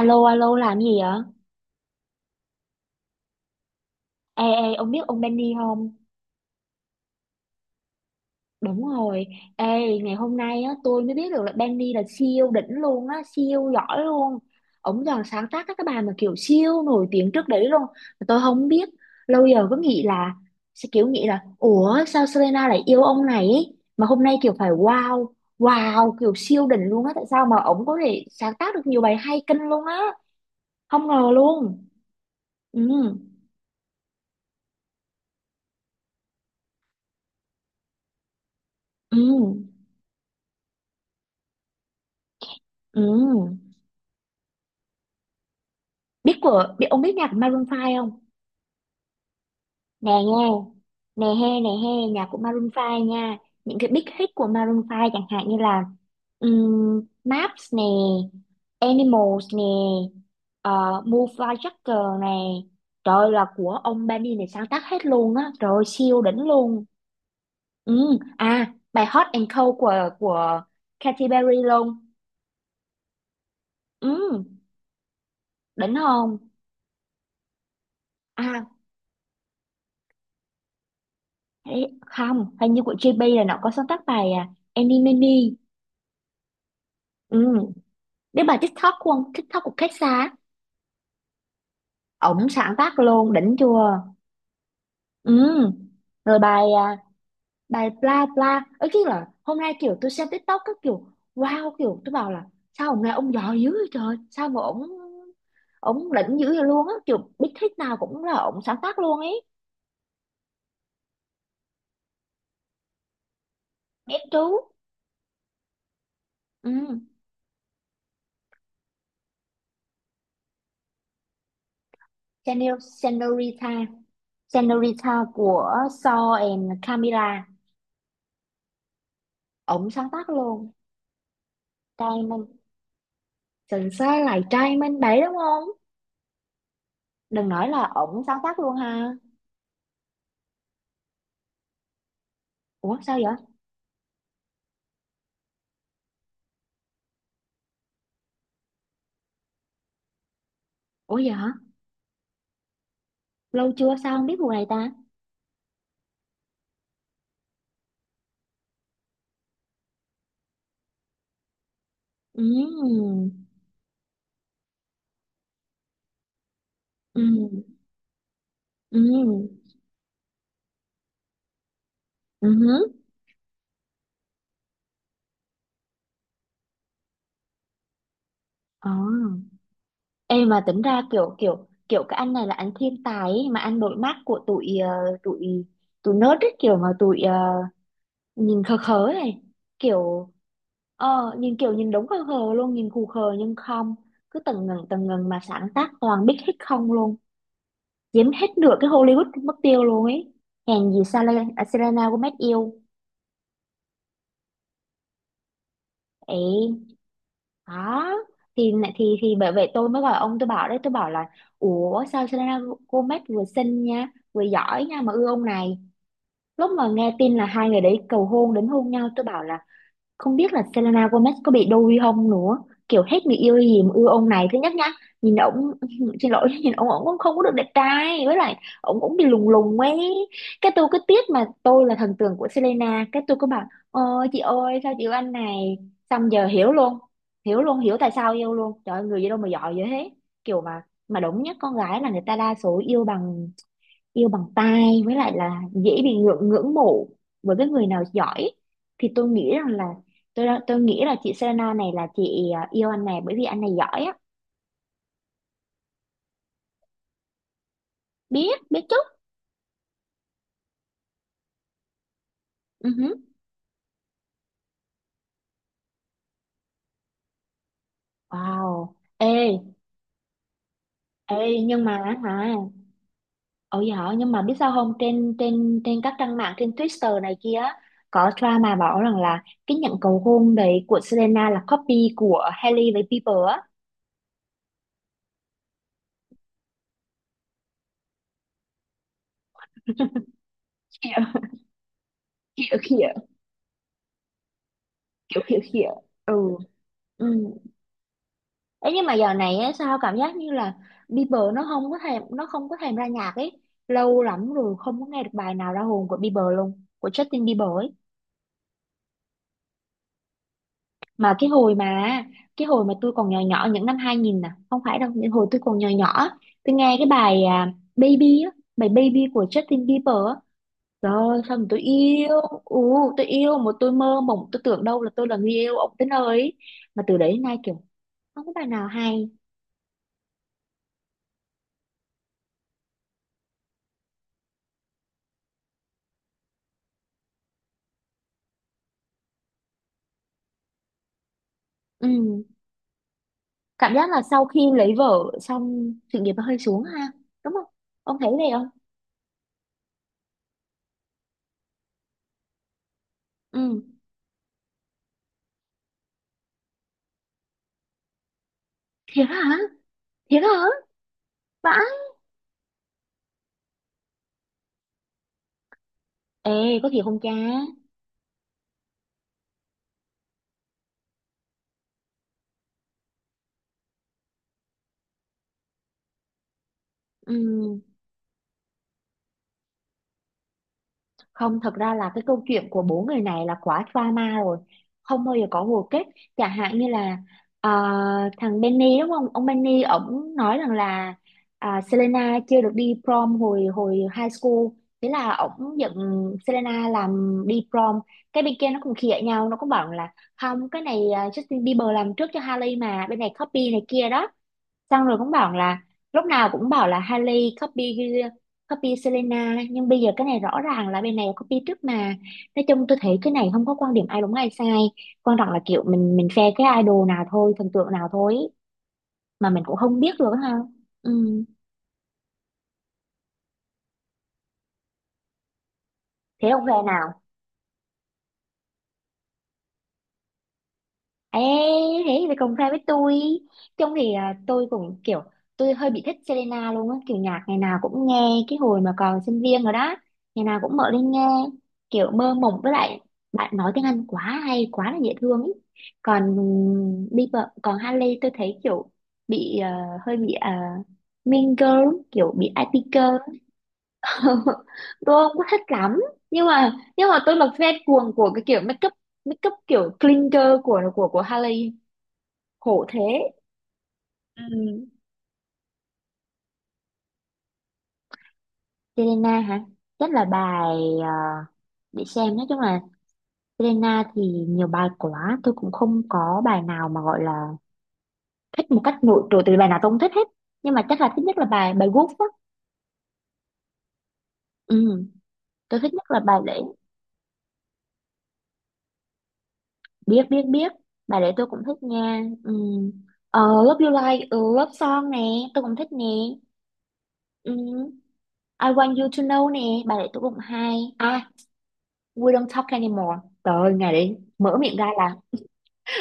Alo, alo, làm gì vậy? Ê, ê, ông biết ông Benny không? Đúng rồi. Ê, ngày hôm nay á, tôi mới biết được là Benny là siêu đỉnh luôn á, siêu giỏi luôn. Ông giờ sáng tác các cái bài mà kiểu siêu nổi tiếng trước đấy luôn. Mà tôi không biết. Lâu giờ cứ nghĩ là, sẽ kiểu nghĩ là, ủa sao Selena lại yêu ông này ấy? Mà hôm nay kiểu phải wow, wow, kiểu siêu đỉnh luôn á. Tại sao mà ông có thể sáng tác được nhiều bài hay kinh luôn á? Không ngờ luôn. Ừ, ừ, ừ. Biết ông biết nhạc của Maroon 5 không? Nè nghe, nè he nè he, nhạc của Maroon 5 nha. Những cái big hit của Maroon 5 chẳng hạn như là Maps nè, Animals nè, Move Like Jagger nè. Trời ơi, là của ông Benny này sáng tác hết luôn á, trời ơi, siêu đỉnh luôn. Ừ, à, bài Hot and Cold của Katy Perry luôn. Ừ, đỉnh không? à Không, hình như của JB là nó có sáng tác bài Enemy Me. Ừ. Biết bài TikTok của ông, TikTok của Cách xa, ổng sáng tác luôn, đỉnh chưa? Ừ. Rồi bài bài bla bla. Ấy cái là hôm nay kiểu tôi xem TikTok các kiểu wow, kiểu tôi bảo là sao ông này ông giỏi dữ vậy trời, sao mà ổng ổng đỉnh dữ vậy luôn á, kiểu big hit nào cũng là ổng sáng tác luôn ấy. Biết chú. Ừ. Senor, Senorita, Senorita của Saw and Camila. Ổng sáng tác luôn. Trai mình, sần xa lại trai mình đấy đúng không? Đừng nói là ổng sáng tác luôn ha. Ủa sao vậy? Ủa vậy hả? Lâu chưa sao không biết vụ này ta. Ừ, ừ, ừ, ừ hứ. Ờ. Ê mà tính ra kiểu kiểu kiểu cái anh này là anh thiên tài ấy, mà anh đội mắt của tụi tụi tụi nớt ấy, kiểu mà tụi nhìn khờ khờ ấy này, kiểu ờ, nhìn kiểu nhìn đúng khờ khờ luôn, nhìn khù khờ nhưng không, cứ tầng ngần mà sáng tác toàn biết hết không luôn, chiếm hết nửa cái Hollywood mất tiêu luôn ấy. Hèn gì Selena Gomez yêu. Ấy đó, thì bởi vậy tôi mới gọi ông, tôi bảo đấy, tôi bảo là ủa sao Selena Gomez vừa xinh nha vừa giỏi nha mà ưa ông này. Lúc mà nghe tin là hai người đấy cầu hôn đến hôn nhau tôi bảo là không biết là Selena Gomez có bị đôi không nữa, kiểu hết người yêu gì mà yêu ông này thứ nhất nhá. Nhìn ổng xin lỗi, nhìn ổng, ổng cũng không có được đẹp trai với lại ổng cũng bị lùng lùng ấy. Cái tôi cứ tiếc, mà tôi là thần tượng của Selena, cái tôi cứ bảo ôi chị ơi sao chị yêu anh này. Xong giờ hiểu luôn, hiểu luôn, hiểu tại sao yêu luôn. Trời ơi, người gì đâu mà giỏi vậy thế. Kiểu mà đúng nhất con gái là người ta đa số yêu bằng, yêu bằng tai với lại là dễ bị ngưỡng ngưỡng mộ với cái người nào giỏi, thì tôi nghĩ rằng là tôi nghĩ là chị Selena này là chị yêu anh này bởi vì anh này giỏi á. Biết biết chút. Ừ hứ. Wow. Ê. Ê nhưng mà hả, ôi giỏi nhưng mà biết sao không, trên trên trên các trang mạng, trên Twitter này kia á, có drama bảo rằng là cái nhận cầu hôn đấy của Selena là copy của Hailey với Bieber á. kiểu kiểu kiểu kiểu kiểu kiểu ừ, ừ. Ấy nhưng mà giờ này á, sao cảm giác như là Bieber nó không có thèm, nó không có thèm ra nhạc ấy. Lâu lắm rồi không có nghe được bài nào ra hồn của Bieber luôn, của Justin Bieber ấy. Mà cái hồi mà cái hồi mà tôi còn nhỏ nhỏ những năm 2000 nè, không phải đâu, những hồi tôi còn nhỏ nhỏ á, tôi nghe cái bài Baby á, bài Baby của Justin Bieber á. Trời ơi sao mà tôi yêu, tôi yêu mà tôi mơ mộng, tôi tưởng đâu là tôi là người yêu ông tới nơi ấy. Mà từ đấy đến nay kiểu không có bài nào hay. Ừ, cảm giác là sau khi lấy vợ xong sự nghiệp nó hơi xuống ha, đúng không? Ông thấy vậy không? Ừ. Thiệt hả? Thiệt hả? Vãi. Ê, có thiệt không cha? Ừ. Không, thật ra là cái câu chuyện của bốn người này là quá drama rồi. Không bao giờ có hồi kết. Chẳng hạn như là ờ, thằng Benny đúng không? Ông Benny ổng nói rằng là Selena chưa được đi prom hồi hồi high school. Thế là ổng giận Selena làm đi prom. Cái bên kia nó cũng khịa nhau, nó cũng bảo là không, cái này Justin Bieber làm trước cho Hailey mà, bên này copy này kia đó. Xong rồi cũng bảo là lúc nào cũng bảo là Hailey copy, Selena, nhưng bây giờ cái này rõ ràng là bên này copy trước mà. Nói chung tôi thấy cái này không có quan điểm ai đúng ai sai, quan trọng là kiểu mình phe cái idol nào thôi, thần tượng nào thôi, mà mình cũng không biết được ha. Ừ. Thế ông phe nào? Ê, thế thì cùng fan với tôi. Trông thì à, tôi cũng kiểu, tôi hơi bị thích Selena luôn á. Kiểu nhạc ngày nào cũng nghe. Cái hồi mà còn sinh viên rồi đó, ngày nào cũng mở lên nghe, kiểu mơ mộng với lại bạn nói tiếng Anh quá hay, quá là dễ thương ý. Còn Bieber, còn Hailey tôi thấy kiểu bị hơi bị uh, Mean Girl, kiểu bị IT girl. Tôi không có thích lắm. Nhưng mà, nhưng mà tôi là fan cuồng của cái kiểu make up, make up kiểu clean girl của của Hailey. Khổ thế. Ừ. Selena hả? Rất là bài ờ, để xem, nói chung là Selena thì nhiều bài quá, tôi cũng không có bài nào mà gọi là thích một cách nổi trội, từ bài nào tôi cũng thích hết, nhưng mà chắc là thích nhất là bài bài Wolf á. Ừ. Tôi thích nhất là bài lễ. Biết biết biết. Bài lễ tôi cũng thích nha. Ừ. Ờ, Love You Like Love Song nè, tôi cũng thích nè. Ừ. I Want You To Know nè, bài để tôi cũng hay à. We Don't Talk Anymore, trời ơi, ngày đấy mở miệng ra là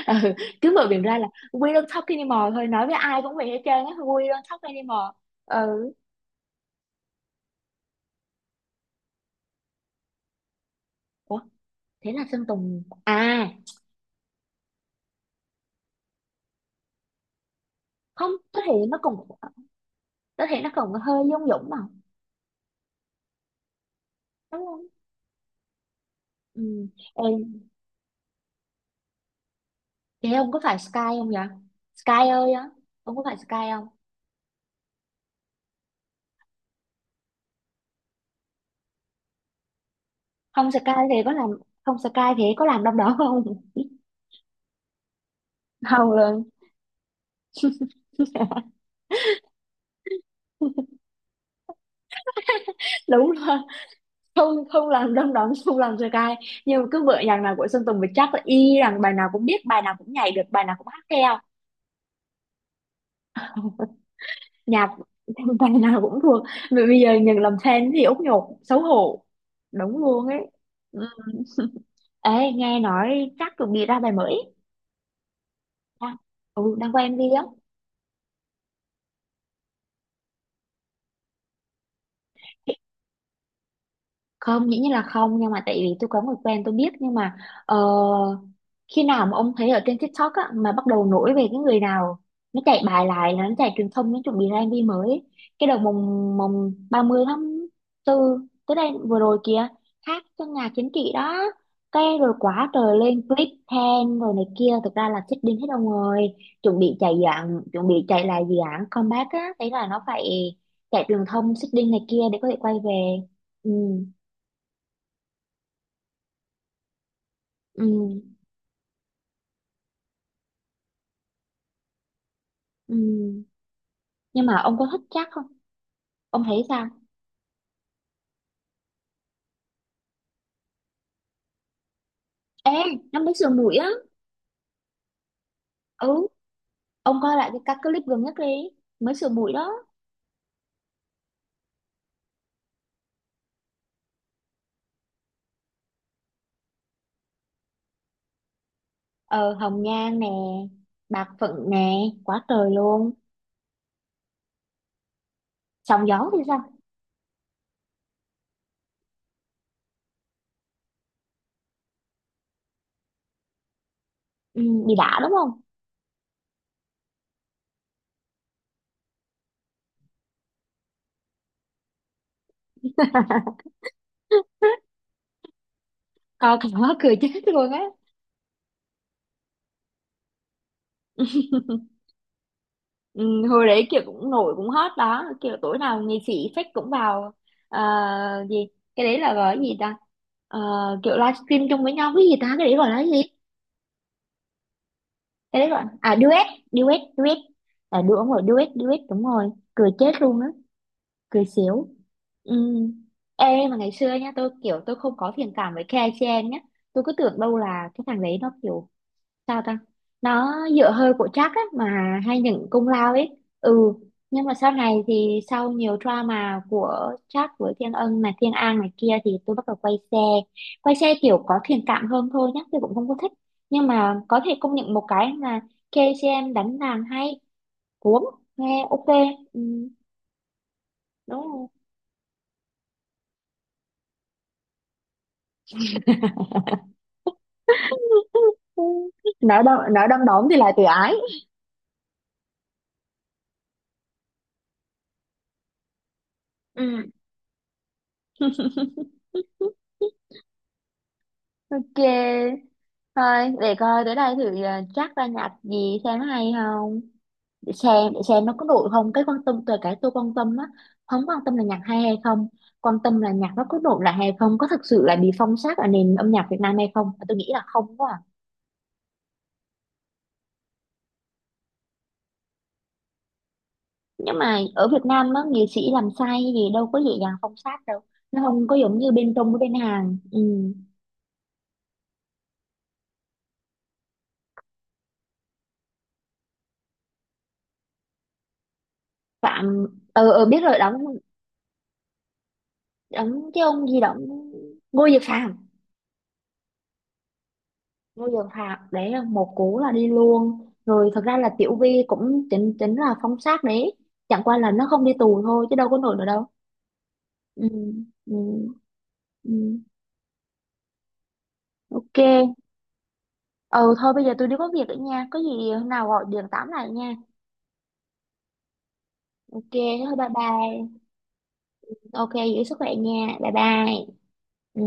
ừ, cứ mở miệng ra là we don't talk anymore thôi, nói với ai cũng vậy hết trơn á, we don't talk anymore. Ừ. Ủa thế là Sơn Tùng à? Không, có thể nó còn, có thể nó còn hơi Dung Dũng mà, đúng không? Ừ. Em, thế ông có phải Sky không vậy? Sky ơi á, ông có phải Sky không? Không Sky thì có làm không? Sky thì có làm đông đỏ không? Không luôn. Đúng rồi, không, không làm đom đóm, không làm sơ cai, nhưng mà cứ bữa nhạc nào của Sơn Tùng thì chắc là y rằng bài nào cũng biết, bài nào cũng nhảy được, bài nào cũng hát theo. Nhạc bài nào cũng thuộc. Mà bây giờ nhận làm fan thì út nhột xấu hổ, đúng luôn ấy. Ừ. Ê nghe nói chắc chuẩn bị ra bài mới. Đang, ừ đang quay MV á. Không, dĩ nhiên là không nhưng mà tại vì tôi có người quen tôi biết, nhưng mà ờ, khi nào mà ông thấy ở trên TikTok á, mà bắt đầu nổi về cái người nào, nó chạy bài lại là nó chạy truyền thông, nó chuẩn bị ra MV mới ấy. Cái đầu mùng mùng 30/4 tới đây vừa rồi kìa, hát trong nhà chính trị đó, cái rồi quá trời lên clip then rồi này kia, thực ra là chết điên hết ông rồi. Chuẩn bị chạy dự án, chuẩn bị chạy lại dự án comeback á, thấy là nó phải chạy truyền thông xích đinh này kia để có thể quay về. Ừ, ừ, ừ. Nhưng mà ông có thích chắc không? Ông thấy sao? Ê, nó mới sửa mũi á. Ừ, ông coi lại cái các clip gần nhất đi, mới sửa mũi đó. Ờ, hồng nhan nè, bạc phận nè, quá trời luôn. Sóng gió thì sao? Ừ, bị đã đúng không? Coi cái đó cười chết luôn á. Ừ, hồi đấy kiểu cũng nổi cũng hot đó, kiểu tối nào nghệ sĩ fake cũng vào. Ờ, gì, cái đấy là gọi là gì ta? Ờ, kiểu livestream chung với nhau cái gì ta, cái đấy gọi là gì? Cái đấy gọi duet, duet. Là đúng rồi, duet, duet, đúng rồi. Cười chết luôn á. Cười xỉu. Ừ. Ê mà ngày xưa nhá, tôi kiểu tôi không có thiện cảm với KCN nhá, tôi cứ tưởng đâu là cái thằng đấy nó kiểu sao ta, nó dựa hơi của Jack á mà, hay những công lao ấy. Ừ, nhưng mà sau này thì sau nhiều drama của Jack với Thiên Ân này, Thiên An này kia thì tôi bắt đầu quay xe, quay xe kiểu có thiện cảm hơn thôi, nhá tôi cũng không có thích, nhưng mà có thể công nhận một cái là KCM đánh đàn hay, cuốn, nghe ok. Ừ, đúng rồi. Nói đom đóm thì lại tự ái. Ừ, ok, thôi để coi tới đây thử Jack ra nhạc gì xem hay không. Sàn xem, để xem nó có nổi không, cái quan tâm từ cái tôi quan tâm á. Không quan tâm là nhạc hay hay không, quan tâm là nhạc nó có nổi lại hay không, có thực sự là bị phong sát ở nền âm nhạc Việt Nam hay không, tôi nghĩ là không quá à. Nhưng mà ở Việt Nam á nghệ sĩ làm sai gì đâu có dễ dàng phong sát đâu, nó không có giống như bên Trung với bên Hàn. Ừ. Phạm. Ờ ờ, biết rồi đóng, đóng cái ông gì đóng. Ngô Dược Phạm. Ngô Dần Hạc đấy là một cú là đi luôn rồi, thật ra là Tiểu Vy cũng chính chính là phóng sát đấy, chẳng qua là nó không đi tù thôi chứ đâu có nổi nữa đâu. Ừ, ừ, ừ. Ok. Ừ thôi bây giờ tôi đi có việc nữa nha, có gì hôm nào gọi điện tám lại nha. Ok, thôi bye bye. Ok, giữ sức khỏe nha, bye bye. Ừ.